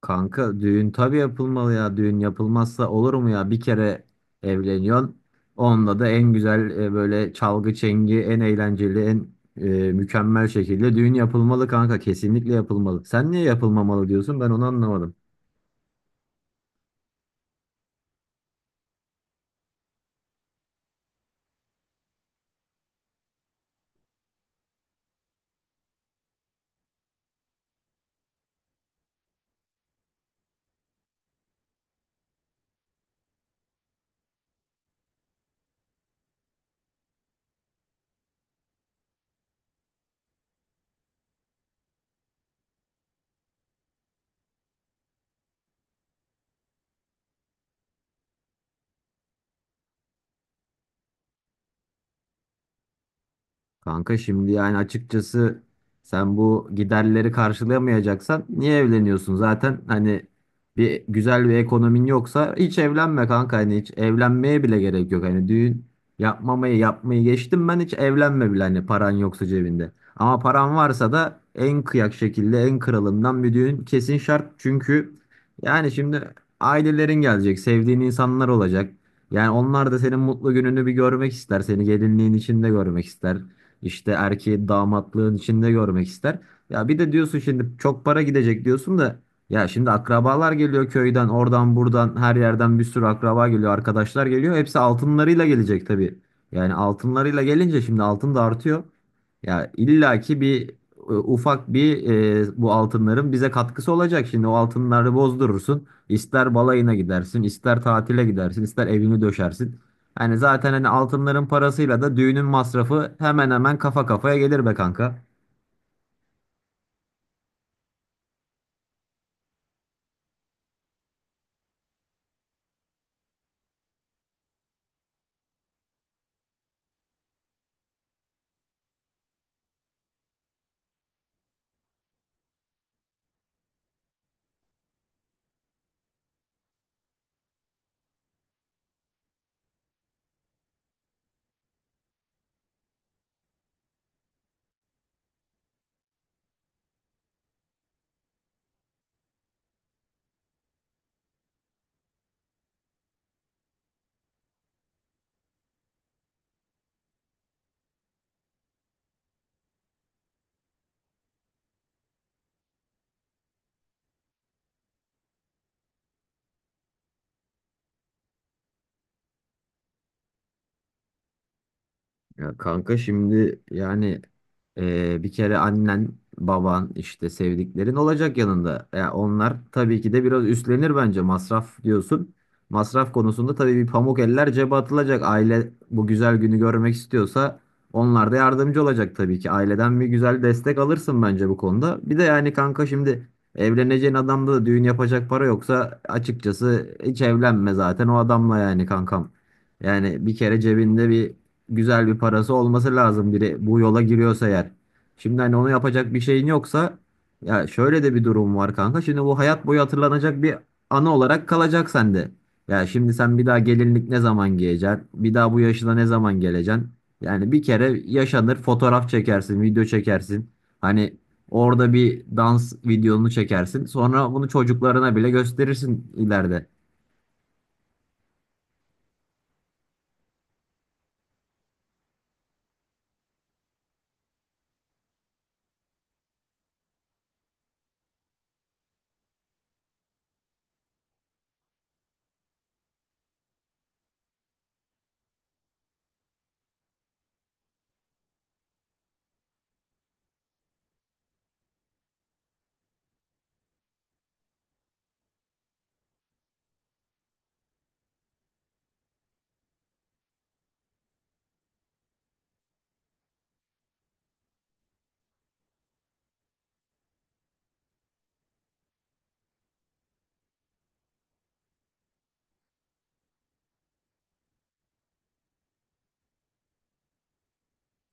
Kanka düğün tabii yapılmalı ya. Düğün yapılmazsa olur mu ya? Bir kere evleniyorsun. Onunla da en güzel böyle çalgı çengi, en eğlenceli, en mükemmel şekilde düğün yapılmalı kanka. Kesinlikle yapılmalı. Sen niye yapılmamalı diyorsun? Ben onu anlamadım. Kanka şimdi yani açıkçası sen bu giderleri karşılayamayacaksan niye evleniyorsun? Zaten hani bir güzel bir ekonomin yoksa hiç evlenme kanka, hani hiç evlenmeye bile gerek yok. Hani düğün yapmamayı yapmayı geçtim, ben hiç evlenme bile hani, paran yoksa cebinde. Ama paran varsa da en kıyak şekilde, en kralından bir düğün kesin şart. Çünkü yani şimdi ailelerin gelecek, sevdiğin insanlar olacak. Yani onlar da senin mutlu gününü bir görmek ister, seni gelinliğin içinde görmek ister. İşte erkeği damatlığın içinde görmek ister. Ya bir de diyorsun şimdi çok para gidecek diyorsun da, ya şimdi akrabalar geliyor köyden, oradan buradan her yerden bir sürü akraba geliyor, arkadaşlar geliyor. Hepsi altınlarıyla gelecek tabii. Yani altınlarıyla gelince şimdi altın da artıyor. Ya illaki bir ufak bir bu altınların bize katkısı olacak. Şimdi o altınları bozdurursun. İster balayına gidersin, ister tatile gidersin, ister evini döşersin. Yani zaten hani altınların parasıyla da düğünün masrafı hemen hemen kafa kafaya gelir be kanka. Ya kanka şimdi yani bir kere annen, baban, işte sevdiklerin olacak yanında. Ya onlar tabii ki de biraz üstlenir bence, masraf diyorsun. Masraf konusunda tabii bir pamuk eller cebe atılacak. Aile bu güzel günü görmek istiyorsa onlar da yardımcı olacak tabii ki. Aileden bir güzel destek alırsın bence bu konuda. Bir de yani kanka şimdi evleneceğin adamda da düğün yapacak para yoksa, açıkçası hiç evlenme zaten o adamla yani kankam. Yani bir kere cebinde bir güzel bir parası olması lazım biri bu yola giriyorsa eğer. Şimdi hani onu yapacak bir şeyin yoksa, ya şöyle de bir durum var kanka. Şimdi bu hayat boyu hatırlanacak bir anı olarak kalacak sende. Ya şimdi sen bir daha gelinlik ne zaman giyeceksin? Bir daha bu yaşına ne zaman geleceksin? Yani bir kere yaşanır, fotoğraf çekersin, video çekersin. Hani orada bir dans videonu çekersin. Sonra bunu çocuklarına bile gösterirsin ileride.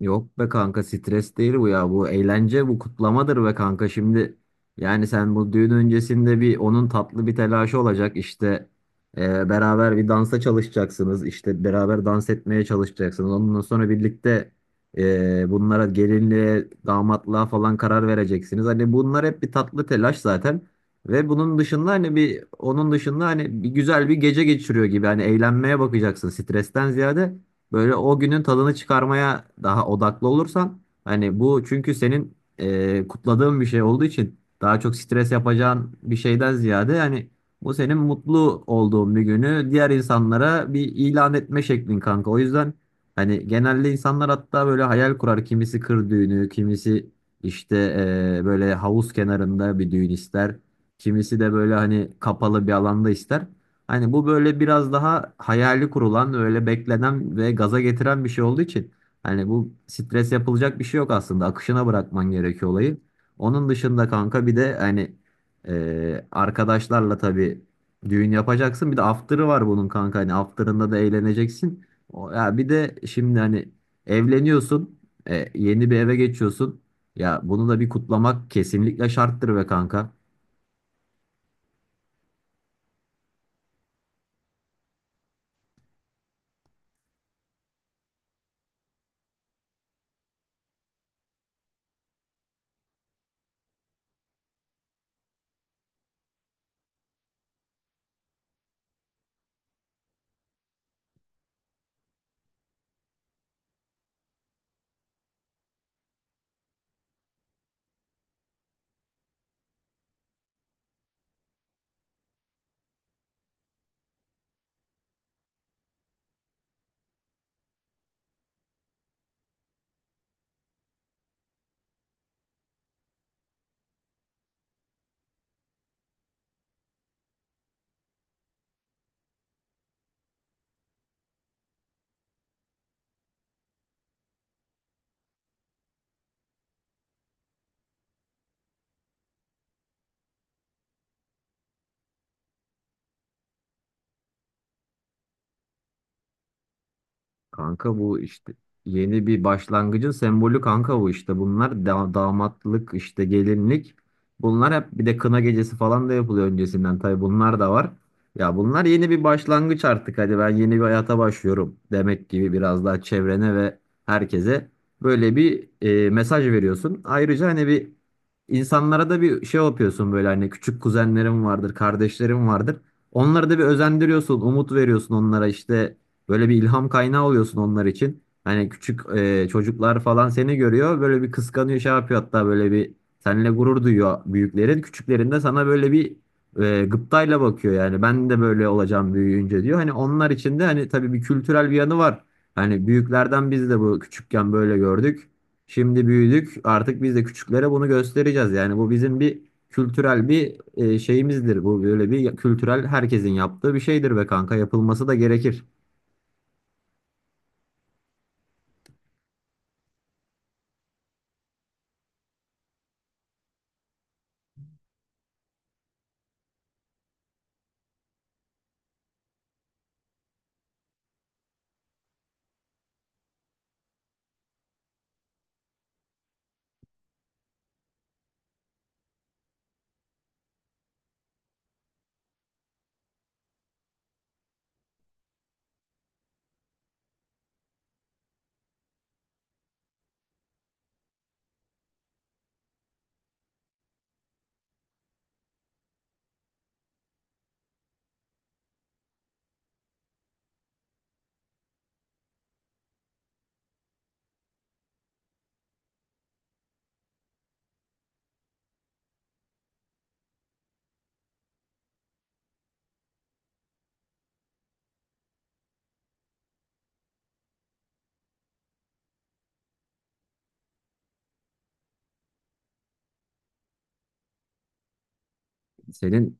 Yok be kanka, stres değil bu ya. Bu eğlence, bu kutlamadır be kanka. Şimdi yani sen bu düğün öncesinde bir, onun tatlı bir telaşı olacak. İşte beraber bir dansa çalışacaksınız. İşte beraber dans etmeye çalışacaksınız. Ondan sonra birlikte bunlara, gelinliğe, damatlığa falan karar vereceksiniz. Hani bunlar hep bir tatlı telaş zaten. Ve bunun dışında hani bir onun dışında hani bir güzel bir gece geçiriyor gibi. Hani eğlenmeye bakacaksın stresten ziyade. Böyle o günün tadını çıkarmaya daha odaklı olursan hani, bu çünkü senin kutladığın bir şey olduğu için daha çok stres yapacağın bir şeyden ziyade, hani bu senin mutlu olduğun bir günü diğer insanlara bir ilan etme şeklin kanka. O yüzden hani genelde insanlar hatta böyle hayal kurar, kimisi kır düğünü, kimisi işte böyle havuz kenarında bir düğün ister. Kimisi de böyle hani kapalı bir alanda ister. Hani bu böyle biraz daha hayali kurulan, öyle beklenen ve gaza getiren bir şey olduğu için hani bu stres yapılacak bir şey yok aslında. Akışına bırakman gerekiyor olayı. Onun dışında kanka bir de hani arkadaşlarla tabii düğün yapacaksın. Bir de after'ı var bunun kanka. Hani after'ında da eğleneceksin. O, ya bir de şimdi hani evleniyorsun, yeni bir eve geçiyorsun. Ya bunu da bir kutlamak kesinlikle şarttır be kanka. Kanka bu işte yeni bir başlangıcın sembolü kanka, bu işte. Bunlar da damatlık, işte gelinlik. Bunlar hep, bir de kına gecesi falan da yapılıyor öncesinden. Tabii bunlar da var. Ya bunlar yeni bir başlangıç artık. Hadi ben yeni bir hayata başlıyorum demek gibi, biraz daha çevrene ve herkese böyle bir mesaj veriyorsun. Ayrıca hani bir insanlara da bir şey yapıyorsun böyle, hani küçük kuzenlerim vardır, kardeşlerim vardır. Onları da bir özendiriyorsun, umut veriyorsun onlara, işte böyle bir ilham kaynağı oluyorsun onlar için. Hani küçük çocuklar falan seni görüyor. Böyle bir kıskanıyor, şey yapıyor, hatta böyle bir seninle gurur duyuyor büyüklerin. Küçüklerin de sana böyle bir gıptayla bakıyor yani. Ben de böyle olacağım büyüyünce diyor. Hani onlar için de hani tabii bir kültürel bir yanı var. Hani büyüklerden biz de bu küçükken böyle gördük. Şimdi büyüdük. Artık biz de küçüklere bunu göstereceğiz. Yani bu bizim bir kültürel bir şeyimizdir. Bu böyle bir kültürel, herkesin yaptığı bir şeydir be kanka. Yapılması da gerekir. Senin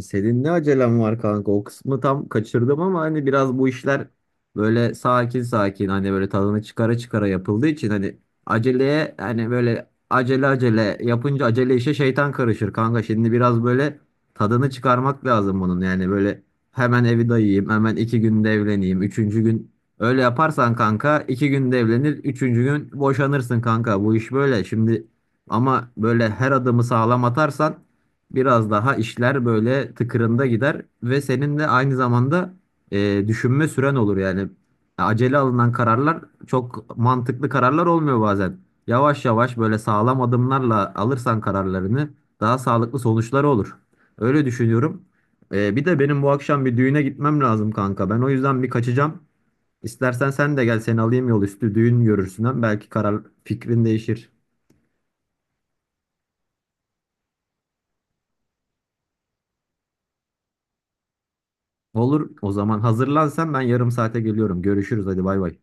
senin ne acelen var kanka? O kısmı tam kaçırdım ama hani biraz bu işler böyle sakin sakin, hani böyle tadını çıkara çıkara yapıldığı için, hani aceleye, hani böyle acele acele yapınca acele işe şeytan karışır kanka. Şimdi biraz böyle tadını çıkarmak lazım bunun. Yani böyle hemen evi dayayayım, hemen 2 günde evleneyim, üçüncü gün öyle yaparsan kanka, 2 günde evlenir, üçüncü gün boşanırsın kanka. Bu iş böyle. Şimdi ama böyle her adımı sağlam atarsan biraz daha işler böyle tıkırında gider, ve senin de aynı zamanda düşünme süren olur yani. Acele alınan kararlar çok mantıklı kararlar olmuyor bazen. Yavaş yavaş böyle sağlam adımlarla alırsan kararlarını, daha sağlıklı sonuçları olur. Öyle düşünüyorum. Bir de benim bu akşam bir düğüne gitmem lazım kanka. Ben o yüzden bir kaçacağım. İstersen sen de gel, seni alayım, yol üstü düğün görürsün. Hem belki karar fikrin değişir. Olur, o zaman hazırlan sen, ben yarım saate geliyorum. Görüşürüz, hadi bay bay.